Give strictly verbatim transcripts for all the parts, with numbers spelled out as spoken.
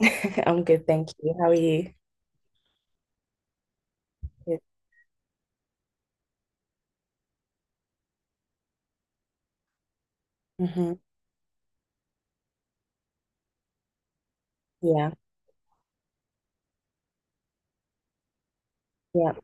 I'm good, thank you. How are you? Good. hmm Yeah, yeah.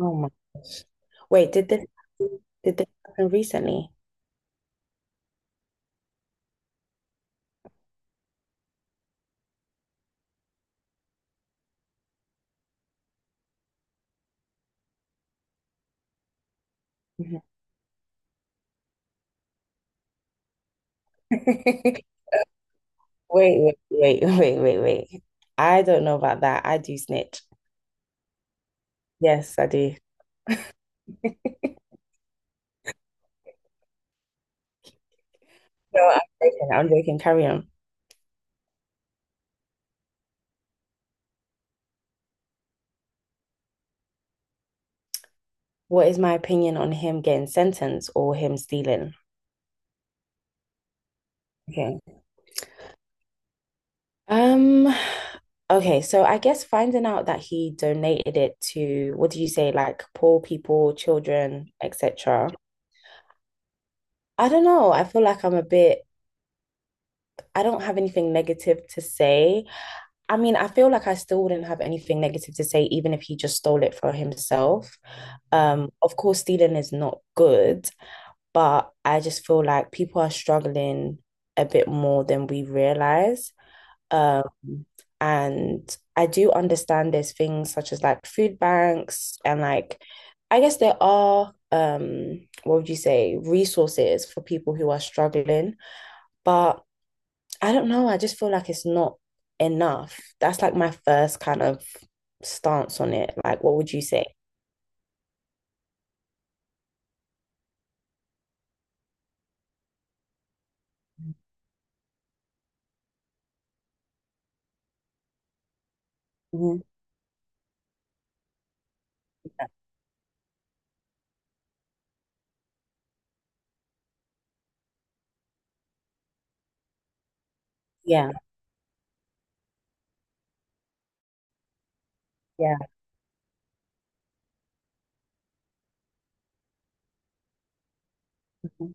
Oh my gosh. Wait, did this did this happen recently? Mhm. Wait, wait, wait, wait, wait, wait. I don't know about that. I do snitch. Yes, I do. No, I'm joking. I'm joking. Carry on. What is my opinion on him getting sentenced or him stealing? Okay. Um, okay, so I guess finding out that he donated it to, what do you say, like poor people, children, et cetera. I don't know. I feel like I'm a bit, I don't have anything negative to say. I mean, I feel like I still wouldn't have anything negative to say, even if he just stole it for himself. Um, of course, stealing is not good, but I just feel like people are struggling a bit more than we realize. Um, and I do understand there's things such as like food banks and like, I guess there are, um, what would you say, resources for people who are struggling, but I don't know. I just feel like it's not enough. That's like my first kind of stance on it. Like, what would you say? Mhm. Yeah, yeah. Mhm.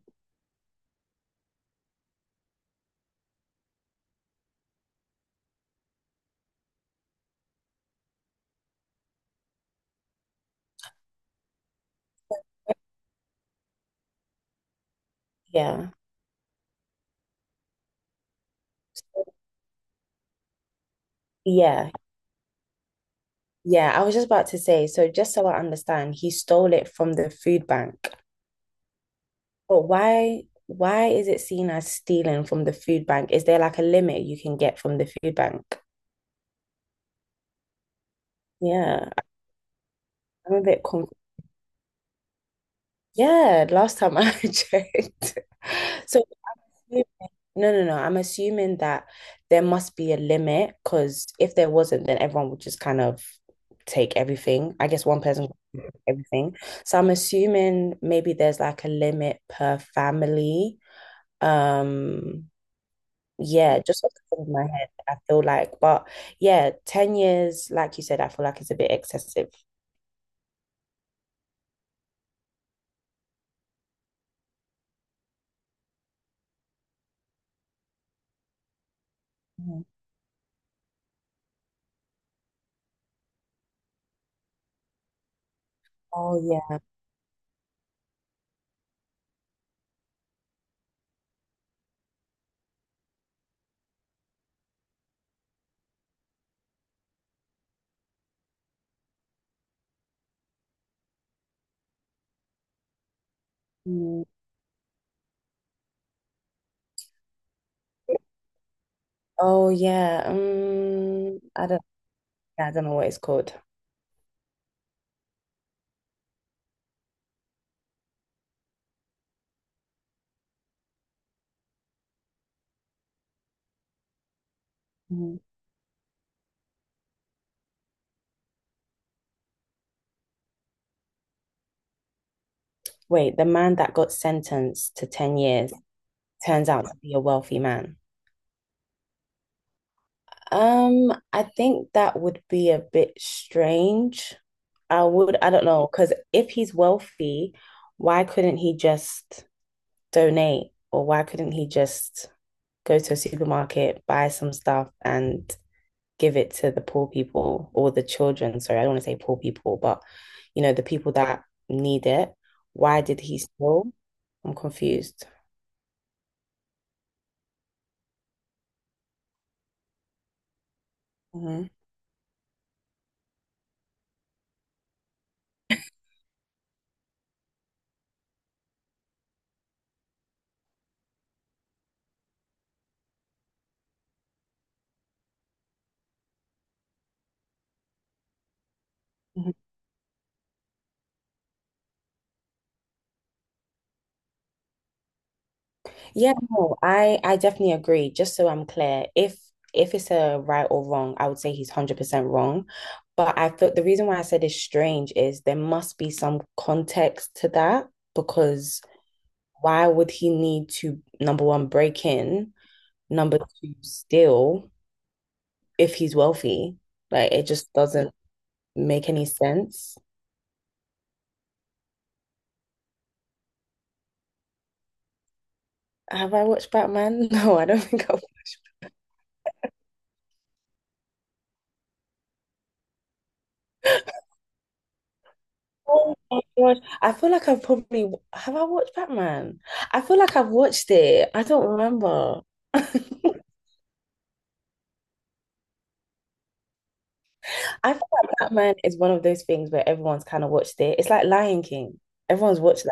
Yeah, yeah, yeah. I was just about to say, so just so I understand, he stole it from the food bank. But why, why is it seen as stealing from the food bank? Is there like a limit you can get from the food bank? Yeah, I'm a bit confused. Yeah, last time I checked. So no, no, no. I'm assuming that there must be a limit because if there wasn't, then everyone would just kind of take everything. I guess one person would take everything. So I'm assuming maybe there's like a limit per family. Um, yeah, just off the top of my head, I feel like, but yeah, ten years, like you said, I feel like it's a bit excessive. Mhm. Oh yeah. Mm. Oh yeah. Um, I don't, yeah, I don't know what it's called. Mhm. Wait, the man that got sentenced to ten years turns out to be a wealthy man. Um, I think that would be a bit strange. I would, I don't know, because if he's wealthy, why couldn't he just donate or why couldn't he just go to a supermarket, buy some stuff and give it to the poor people or the children? Sorry, I don't want to say poor people, but you know, the people that need it. Why did he steal? I'm confused. Mhm, mhm. Yeah, no, I I definitely agree. Just so I'm clear, if if it's a right or wrong, I would say he's a hundred percent wrong. But I feel the reason why I said it's strange is there must be some context to that because why would he need to, number one, break in, number two, steal if he's wealthy? Like it just doesn't make any sense. Have I watched Batman? No, I don't think I. Oh my gosh. I feel like I've probably w- have I watched Batman? I feel like I've watched it. I don't remember. I feel like Batman is one of those things where everyone's kind of watched it. It's like Lion King. Everyone's watched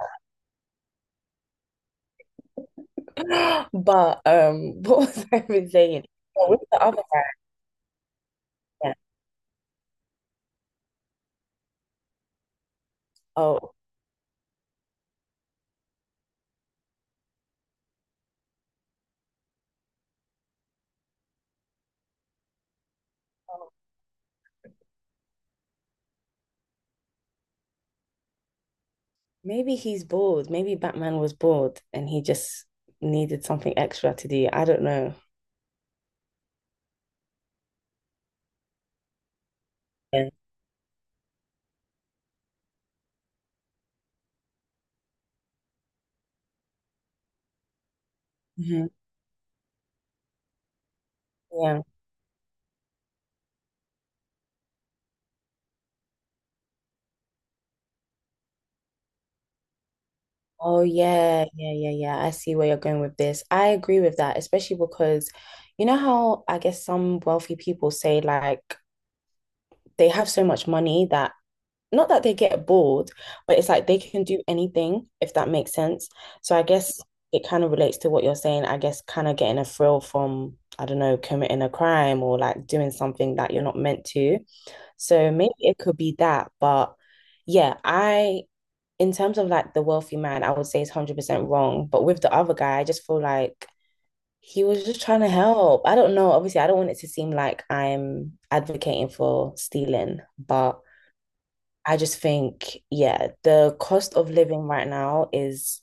that. But um, what was I even saying? Oh, what's the other thing? Oh, maybe he's bored. Maybe Batman was bored and he just needed something extra to do. I don't know. Yeah. Mhm. Yeah. Oh yeah, yeah, yeah, yeah. I see where you're going with this. I agree with that, especially because you know how I guess some wealthy people say like they have so much money that not that they get bored, but it's like they can do anything if that makes sense. So I guess it kind of relates to what you're saying. I guess kind of getting a thrill from, I don't know, committing a crime or like doing something that you're not meant to. So maybe it could be that, but yeah, I in terms of like the wealthy man, I would say it's a hundred percent wrong. But with the other guy, I just feel like he was just trying to help. I don't know. Obviously, I don't want it to seem like I'm advocating for stealing, but I just think, yeah, the cost of living right now is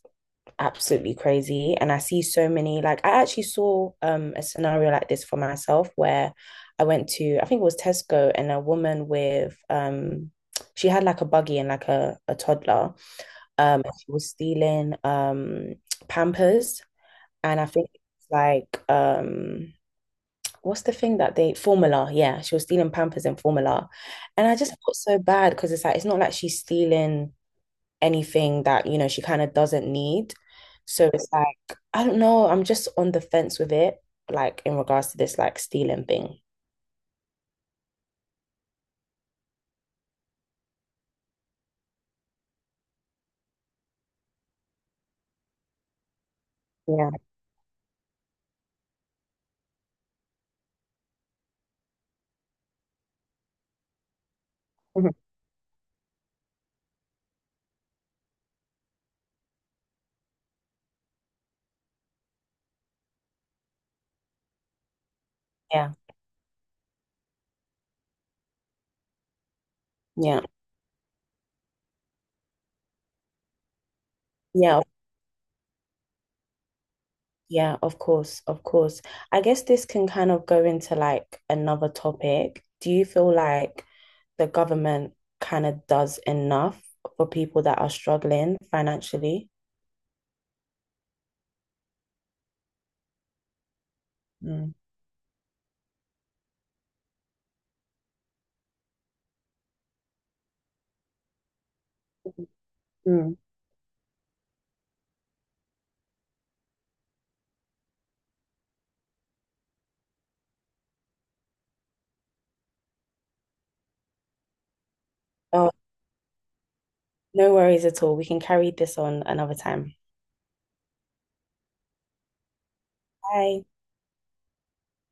absolutely crazy. And I see so many, like, I actually saw um, a scenario like this for myself where I went to, I think it was Tesco, and a woman with, um, she had like a buggy and like a, a toddler, um, she was stealing um Pampers, and I think it's like um, what's the thing that they formula? Yeah, she was stealing Pampers and formula, and I just felt so bad because it's like it's not like she's stealing anything that you know she kind of doesn't need. So it's like I don't know. I'm just on the fence with it, like in regards to this like stealing thing. Yeah. Mhm. Yeah. Yeah. Yeah. Yeah, of course, of course. I guess this can kind of go into like another topic. Do you feel like the government kind of does enough for people that are struggling financially? Mm. Mm. Oh, no worries at all. We can carry this on another time. Bye.